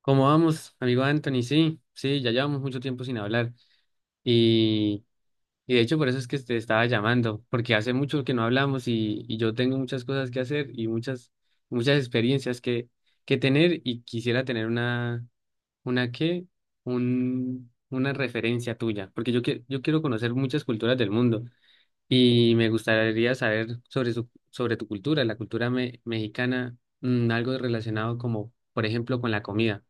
¿Cómo vamos, amigo Anthony? Sí, sí, ya llevamos mucho tiempo sin hablar y, y de hecho por eso es que te estaba llamando, porque hace mucho que no hablamos y yo tengo muchas cosas que hacer y muchas, muchas experiencias que tener y quisiera tener una qué, un, una referencia tuya, porque yo, que, yo quiero conocer muchas culturas del mundo y me gustaría saber sobre, su, sobre tu cultura, la cultura mexicana, algo relacionado como, por ejemplo, con la comida,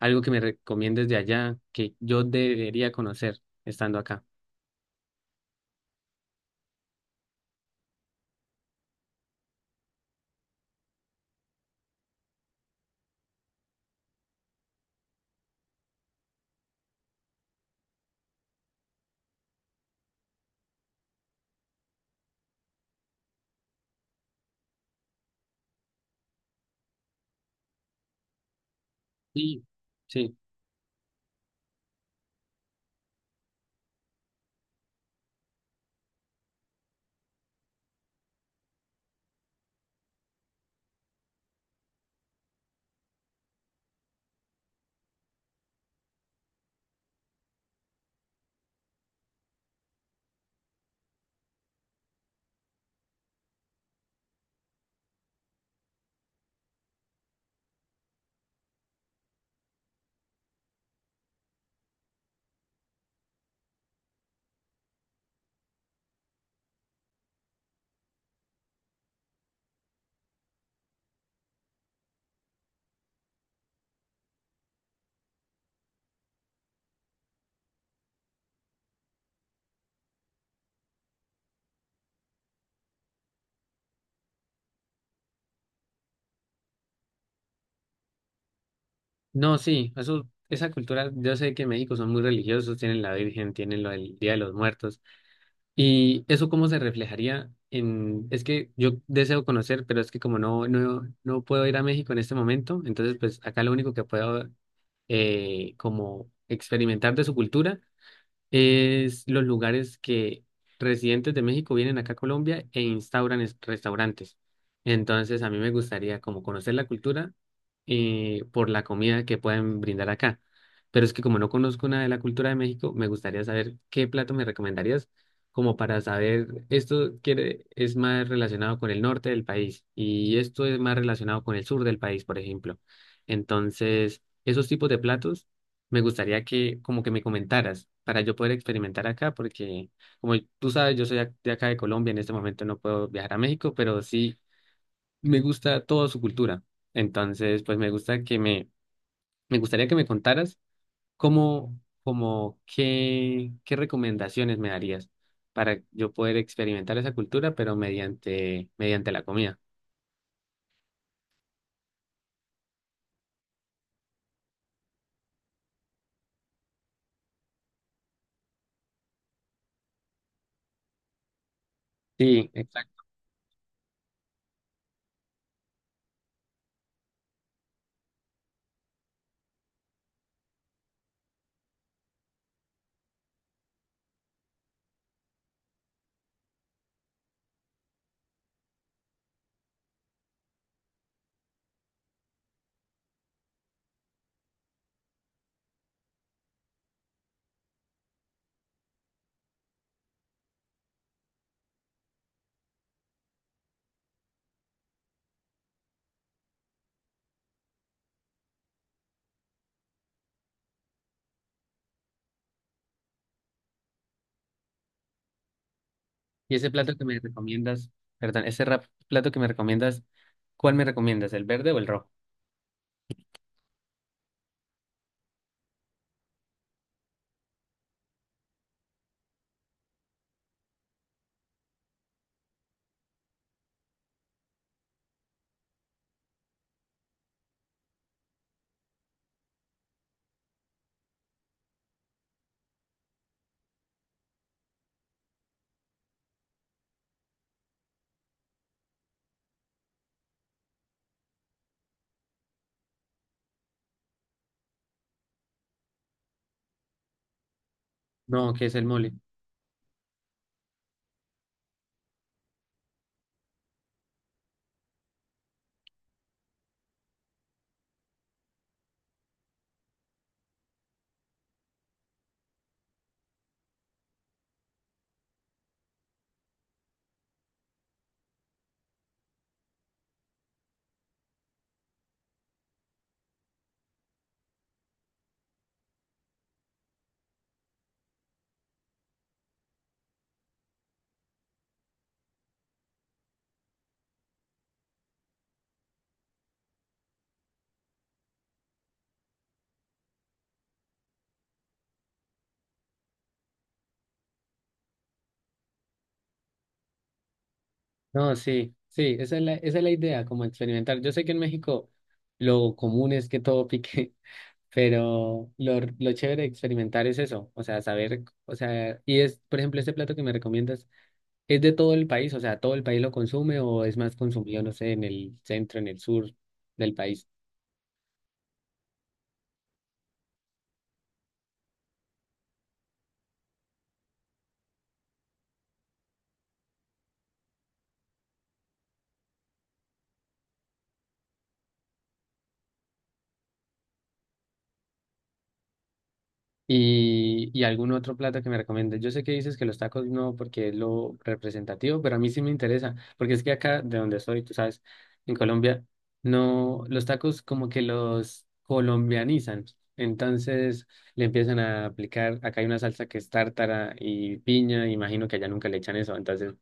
algo que me recomiendes de allá que yo debería conocer estando acá. Sí, sí. No, sí, eso, esa cultura, yo sé que en México son muy religiosos, tienen la Virgen, tienen lo del Día de los Muertos. ¿Y eso cómo se reflejaría en...? Es que yo deseo conocer, pero es que como no puedo ir a México en este momento, entonces pues acá lo único que puedo como experimentar de su cultura es los lugares que residentes de México vienen acá a Colombia e instauran restaurantes. Entonces, a mí me gustaría como conocer la cultura por la comida que pueden brindar acá. Pero es que como no conozco nada de la cultura de México, me gustaría saber qué plato me recomendarías como para saber, esto quiere, es más relacionado con el norte del país y esto es más relacionado con el sur del país, por ejemplo. Entonces, esos tipos de platos me gustaría que como que me comentaras para yo poder experimentar acá, porque como tú sabes, yo soy de acá de Colombia, en este momento no puedo viajar a México, pero sí me gusta toda su cultura. Entonces, pues me gusta que me gustaría que me contaras cómo, como qué, qué recomendaciones me darías para yo poder experimentar esa cultura, pero mediante la comida. Sí, exacto. Y ese plato que me recomiendas, perdón, ese plato que me recomiendas, ¿cuál me recomiendas, el verde o el rojo? No, que es el mole. No, sí, sí, esa es la idea, como experimentar. Yo sé que en México lo común es que todo pique, pero lo chévere de experimentar es eso, o sea, saber, o sea, y es, por ejemplo, este plato que me recomiendas, ¿es de todo el país? O sea, ¿todo el país lo consume o es más consumido, no sé, en el centro, en el sur del país? Y algún otro plato que me recomiendes. Yo sé que dices que los tacos no, porque es lo representativo, pero a mí sí me interesa, porque es que acá de donde soy, tú sabes, en Colombia, no, los tacos como que los colombianizan. Entonces le empiezan a aplicar, acá hay una salsa que es tártara y piña, imagino que allá nunca le echan eso, entonces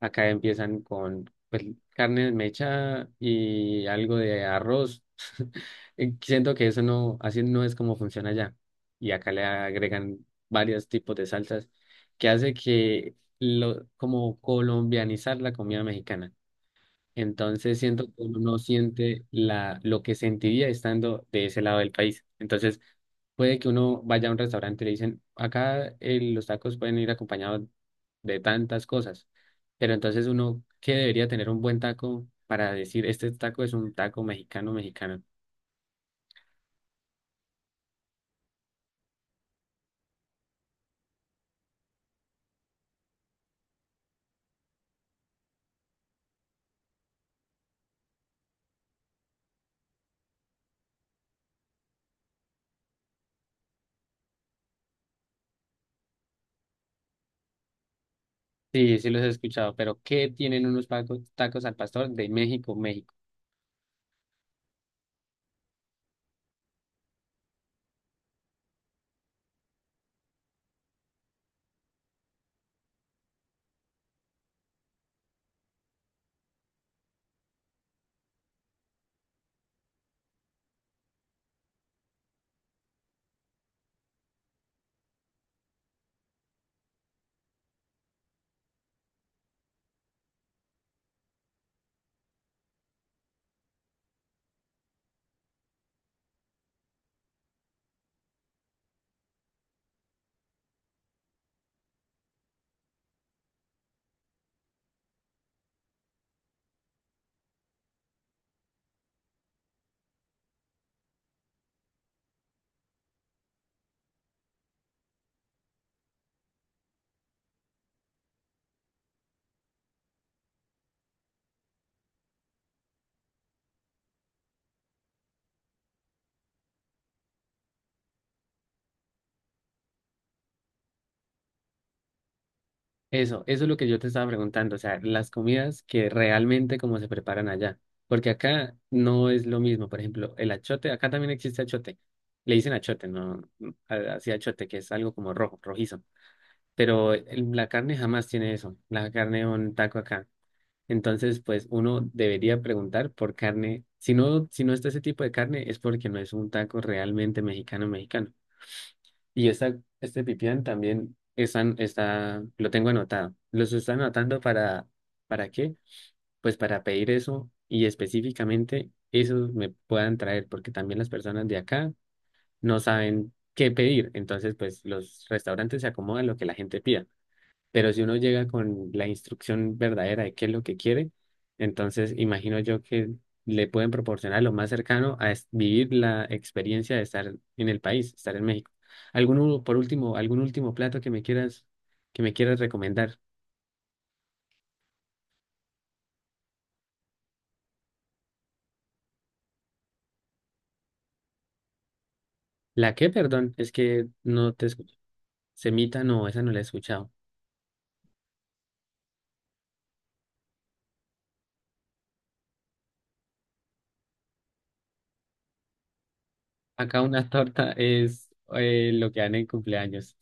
acá empiezan con pues, carne mecha y algo de arroz. Y siento que eso no, así no es como funciona allá y acá le agregan varios tipos de salsas que hace que lo, como colombianizar la comida mexicana. Entonces siento que uno no siente la, lo que sentiría estando de ese lado del país. Entonces puede que uno vaya a un restaurante y le dicen, acá los tacos pueden ir acompañados de tantas cosas, pero entonces uno que debería tener un buen taco para decir, este taco es un taco mexicano, mexicano. Sí, sí los he escuchado, pero ¿qué tienen unos tacos al pastor de México, México? Eso es lo que yo te estaba preguntando, o sea, las comidas que realmente como se preparan allá, porque acá no es lo mismo, por ejemplo, el achote, acá también existe achote, le dicen achote, no, así achote, que es algo como rojo, rojizo, pero la carne jamás tiene eso, la carne de un taco acá, entonces pues uno debería preguntar por carne, si no, si no está ese tipo de carne es porque no es un taco realmente mexicano, mexicano. Y esta, este pipián también están, está, lo tengo anotado. Los están anotando ¿para qué? Pues para pedir eso y específicamente eso me puedan traer, porque también las personas de acá no saben qué pedir. Entonces, pues los restaurantes se acomodan lo que la gente pida. Pero si uno llega con la instrucción verdadera de qué es lo que quiere, entonces imagino yo que le pueden proporcionar lo más cercano a vivir la experiencia de estar en el país, estar en México. ¿Algún, por último, algún último plato que me quieras recomendar? ¿La qué, perdón? Es que no te escucho. Semita, no, esa no la he escuchado. Acá una torta es lo que dan en cumpleaños.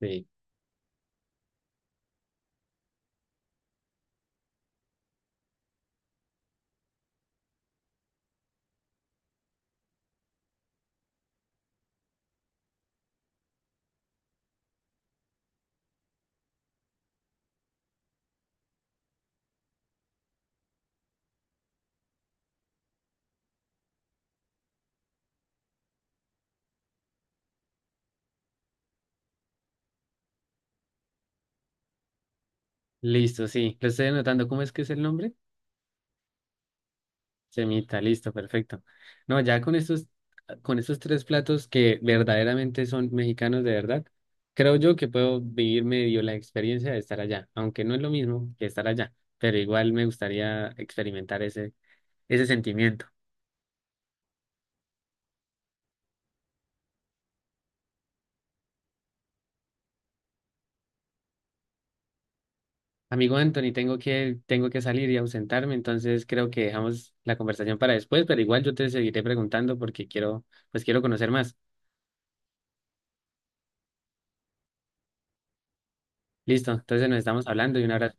Sí. Listo, sí. Lo estoy anotando. ¿Cómo es que es el nombre? Semita, listo, perfecto. No, ya con estos tres platos que verdaderamente son mexicanos de verdad, creo yo que puedo vivir medio la experiencia de estar allá, aunque no es lo mismo que estar allá, pero igual me gustaría experimentar ese, ese sentimiento. Amigo Anthony, tengo que salir y ausentarme, entonces creo que dejamos la conversación para después, pero igual yo te seguiré preguntando porque quiero, pues quiero conocer más. Listo, entonces nos estamos hablando y un abrazo.